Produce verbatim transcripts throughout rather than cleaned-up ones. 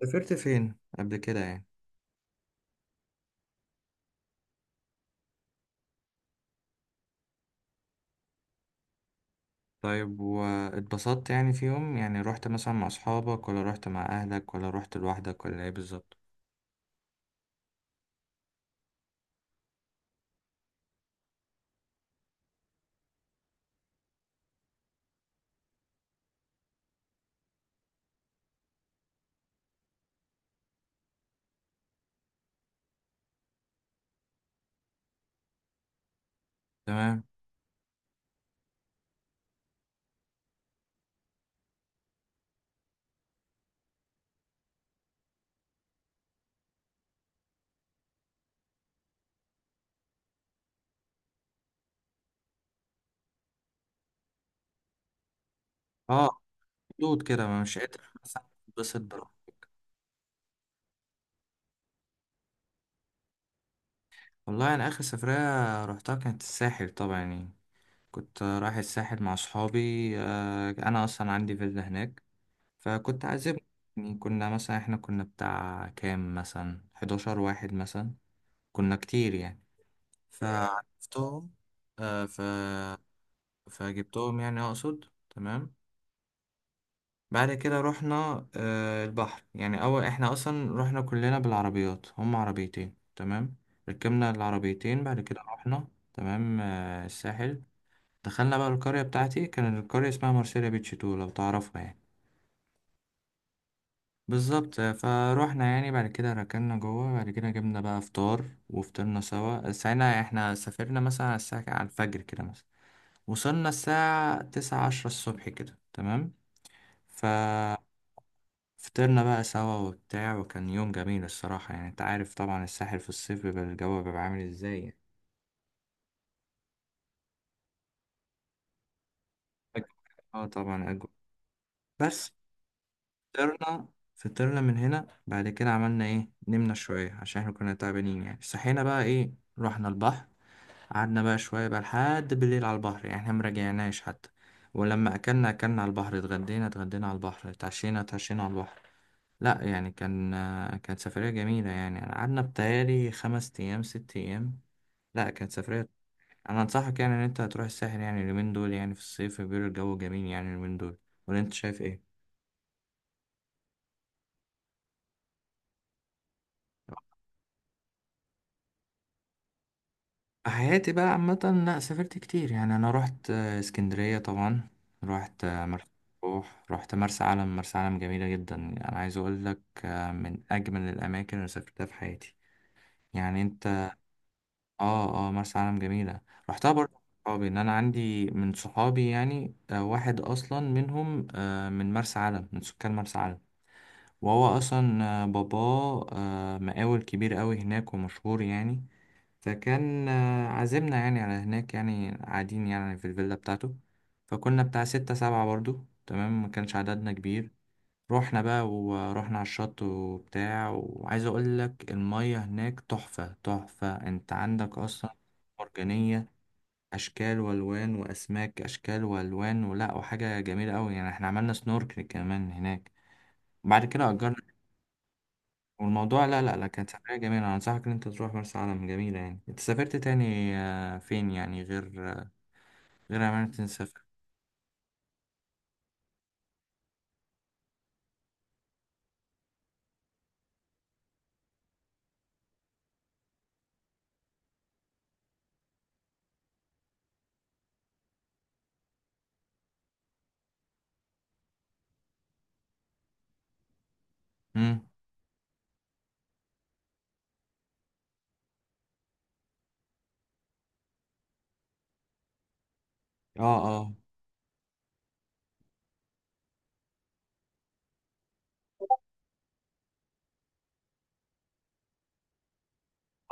سافرت فين قبل كده يعني؟ طيب واتبسطت؟ يعني في يوم يعني رحت مثلا مع اصحابك ولا رحت مع اهلك ولا رحت لوحدك ولا ايه بالظبط؟ تمام. اه، حدود كده، ما مش قادر مثلا اتبسط براحتي. والله انا اخر سفرية رحتها كانت الساحل طبعا يعني. كنت رايح الساحل مع اصحابي. آه، انا اصلا عندي فيلا هناك، فكنت عازب. يعني كنا مثلا، احنا كنا بتاع كام، مثلا حداشر واحد مثلا. كنا كتير يعني، فعرفتهم. آه، ف فجبتهم يعني اقصد. تمام. بعد كده رحنا آه، البحر يعني. اول احنا اصلا رحنا كلنا بالعربيات، هم عربيتين، تمام. ركبنا العربيتين، بعد كده رحنا. تمام. آه، الساحل. دخلنا بقى القرية بتاعتي، كان القرية اسمها مارسيليا بيتش تو، لو تعرفها يعني. بالظبط. آه، فروحنا يعني، بعد كده ركننا جوه، بعد كده جبنا بقى فطار وفطرنا سوا. ساعتها احنا سافرنا مثلا على الساعة، على الفجر كده مثلا. وصلنا الساعة تسعة، عشرة الصبح كده، تمام. ف فطرنا بقى سوا وبتاع، وكان يوم جميل الصراحة يعني. انت عارف طبعا الساحل في الصيف بيبقى الجو بيبقى عامل ازاي يعني. أجو- اه طبعا اجو. بس فطرنا. فطرنا من هنا بعد كده عملنا ايه؟ نمنا شوية عشان احنا كنا تعبانين يعني. صحينا بقى ايه؟ رحنا البحر. قعدنا بقى شوية بقى لحد بالليل على البحر يعني، احنا مراجعناش حتى. ولما أكلنا، أكلنا على البحر، اتغدينا اتغدينا على البحر، اتعشينا اتعشينا على البحر. لا يعني كان، كانت سفرية جميلة يعني. أنا قعدنا بتهيألي خمس أيام، ست أيام. لا كانت سفرية. أنا أنصحك يعني إن أنت هتروح الساحل يعني اليومين دول، يعني في الصيف بيقولوا الجو جميل يعني اليومين دول. ولا أنت شايف إيه؟ حياتي بقى عامة، لا سافرت كتير يعني. أنا رحت آه، اسكندرية طبعا. رحت آه، مرسى مطروح. رحت مرسى علم. مرسى علم جميلة جدا يعني. أنا عايز أقول لك آه، من أجمل الأماكن اللي سافرتها في حياتي. يعني أنت. آه آه مرسى علم جميلة. رحتها برضه مع صحابي. إن أنا عندي من صحابي يعني آه، واحد أصلا منهم، آه، من مرسى علم، من سكان مرسى علم. وهو أصلا آه، باباه آه، مقاول كبير أوي هناك ومشهور يعني. فكان آه، عازمنا يعني على هناك، يعني قاعدين يعني في الفيلا بتاعته. فكنا بتاع ستة سبعة برضو، تمام، ما كانش عددنا كبير. رحنا بقى ورحنا على الشط وبتاع، وعايز اقول لك المية هناك تحفة تحفة. انت عندك اصلا مرجانية، اشكال والوان واسماك، اشكال والوان ولا وحاجة جميلة قوي يعني. احنا عملنا سنوركل كمان هناك، وبعد كده اجرنا. والموضوع لا لا لا كانت سفرية جميلة. أنا أنصحك إن أنت تروح مرسى علم جميلة يعني. أنت سافرت تاني آه، فين يعني؟ غير آه، غير أمانة سافر. أمم. أه. أه.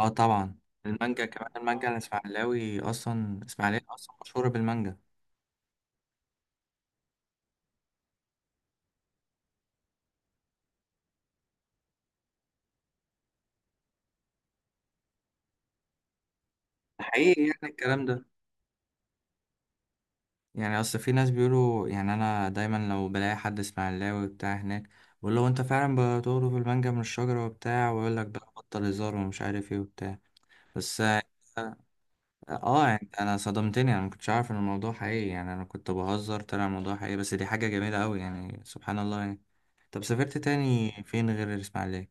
أه طبعا المانجا، كمان المانجا الإسماعيلاوي. أصلا إسماعيلية أصلا مشهورة بالمانجا. حقيقي يعني الكلام ده. يعني أصل في ناس بيقولوا يعني، أنا دايما لو بلاقي حد إسماعيلاوي بتاع هناك، بقول له أنت فعلا بتقرب المانجا من الشجرة وبتاع، ويقول لك بقى بطل هزار ومش عارف إيه وبتاع. بس. اه يعني انا صدمتني. انا ما كنتش عارف ان الموضوع حقيقي يعني. انا كنت بهزر، طلع الموضوع حقيقي. بس دي حاجة جميلة قوي يعني، سبحان الله يعني. طب سافرت تاني فين غير الاسماعيلية؟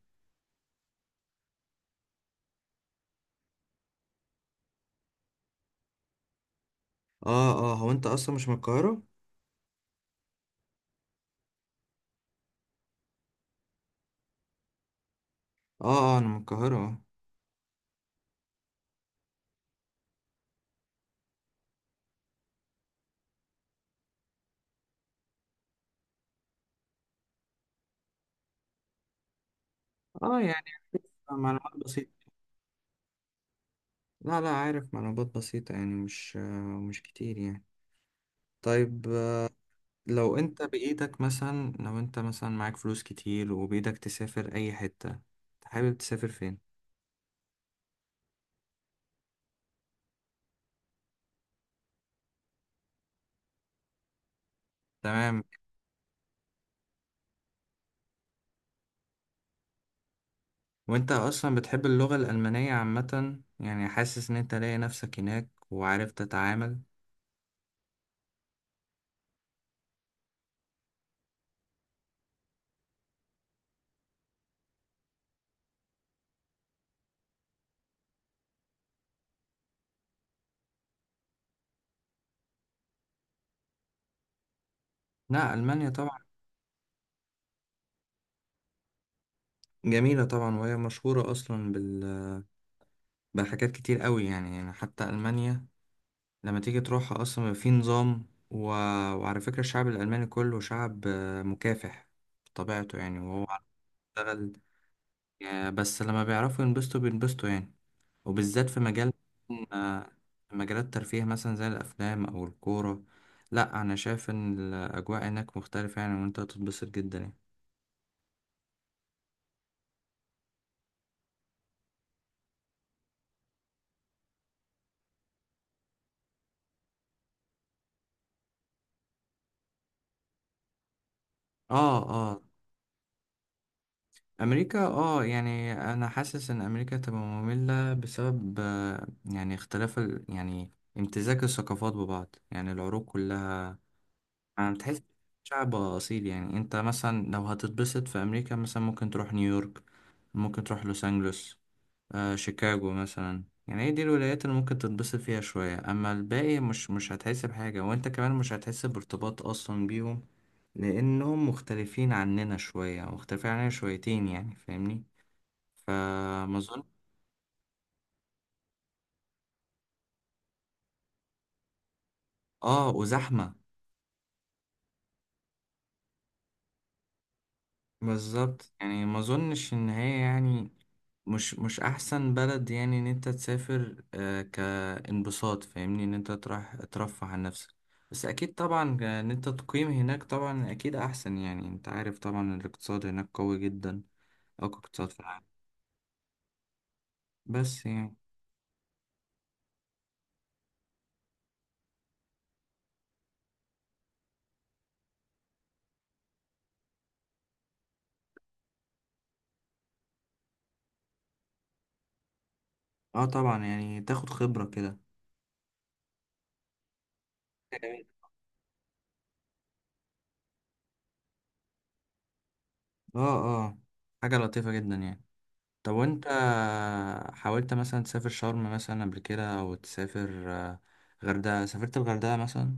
اه اه، هو انت اصلا مش من القاهرة؟ اه اه، انا من القاهرة، اه. اه يعني معلومات بسيطة. لا لا عارف معلومات بسيطة، يعني مش آه، مش كتير يعني. طيب آه، لو انت بإيدك مثلا، لو انت مثلا معاك فلوس كتير وبإيدك تسافر اي حتة، حابب تسافر فين؟ تمام. وانت اصلا بتحب اللغة الألمانية عامة يعني؟ حاسس ان انت لاقي نفسك هناك وعارف تتعامل؟ لا، ألمانيا طبعا جميلة طبعا. وهي مشهورة اصلا بال... بحاجات كتير قوي يعني. يعني حتى ألمانيا لما تيجي تروحها اصلا بيبقى في نظام و... وعلى فكرة الشعب الألماني كله شعب آه، مكافح بطبيعته يعني. وهو عارف يشتغل يعني. بس لما بيعرفوا ينبسطوا بينبسطوا يعني، وبالذات في مجال آه، في مجالات الترفيه مثلا زي الأفلام أو الكورة. لأ أنا شايف إن الأجواء هناك مختلفة يعني، وأنت هتتبسط جدا يعني. آه آه. أمريكا. آه يعني أنا حاسس إن أمريكا تبقى مملة بسبب آه، يعني اختلاف ال... يعني امتزاج الثقافات ببعض، يعني العروق كلها. أنا بتحس شعب أصيل يعني. أنت مثلا لو هتتبسط في أمريكا مثلا، ممكن تروح نيويورك، ممكن تروح لوس أنجلوس، آه شيكاغو مثلا. يعني هي دي الولايات اللي ممكن تتبسط فيها شوية. أما الباقي مش مش هتحس بحاجة، وأنت كمان مش هتحس بارتباط أصلا بيهم، لأنهم مختلفين عننا شوية، مختلفين عننا شويتين يعني، فاهمني. فما أظن. آه وزحمة. بالظبط. يعني ما اظنش ان هي يعني مش مش احسن بلد يعني، ان انت تسافر آه، كانبساط، فاهمني، ان انت تروح ترفه عن نفسك. بس اكيد طبعا ان انت تقيم هناك طبعا اكيد احسن يعني. انت عارف طبعا الاقتصاد هناك قوي جدا، اقوى اقتصاد في العالم. بس يعني. اه طبعا يعني تاخد خبرة كده. جميل. اه. اه حاجة لطيفة جدا يعني. طب وانت حاولت مثلا تسافر شرم مثلا قبل كده، او تسافر آه، غردقة؟ سافرت الغردقة مثلا؟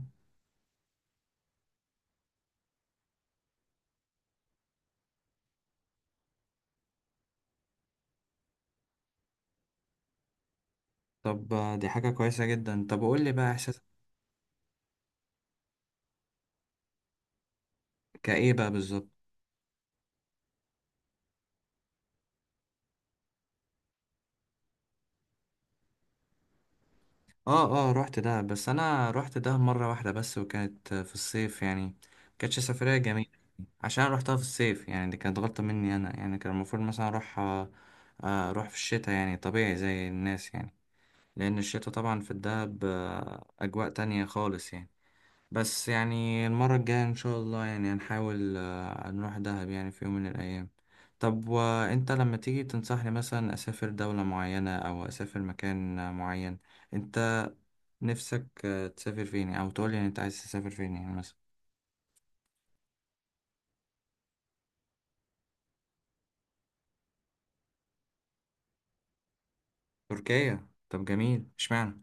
طب آه، دي حاجة كويسة جدا. طب قول لي بقى، احساس كايه بقى بالظبط؟ اه اه. رحت ده، بس انا رحت ده مرة واحدة بس، وكانت آه، في الصيف يعني. كانتش سفرية جميلة عشان أنا رحتها في الصيف يعني. دي كانت غلطة مني انا يعني. كان المفروض مثلا اروح آه، آه، اروح في الشتاء يعني، طبيعي زي الناس يعني. لان الشتاء طبعا في الدهب آه، اجواء تانية خالص يعني. بس يعني المرة الجاية إن شاء الله يعني هنحاول آه، نروح دهب يعني في يوم من الأيام. طب وأنت لما تيجي تنصحني مثلا أسافر دولة معينة أو أسافر مكان معين، أنت نفسك آه، تسافر فين؟ أو تقولي يعني أنت عايز تسافر فين يعني مثلا؟ تركيا. طب جميل، اشمعنى؟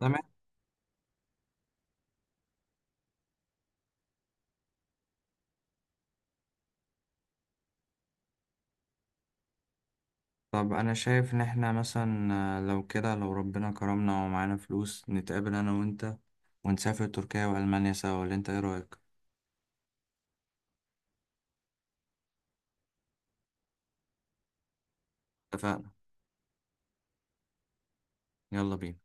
تمام. طب أنا شايف إن إحنا مثلا آه، لو كده، لو ربنا كرمنا ومعانا فلوس نتقابل أنا وأنت ونسافر تركيا وألمانيا سوا، ولا أنت إيه رأيك؟ اتفقنا. يلا بينا.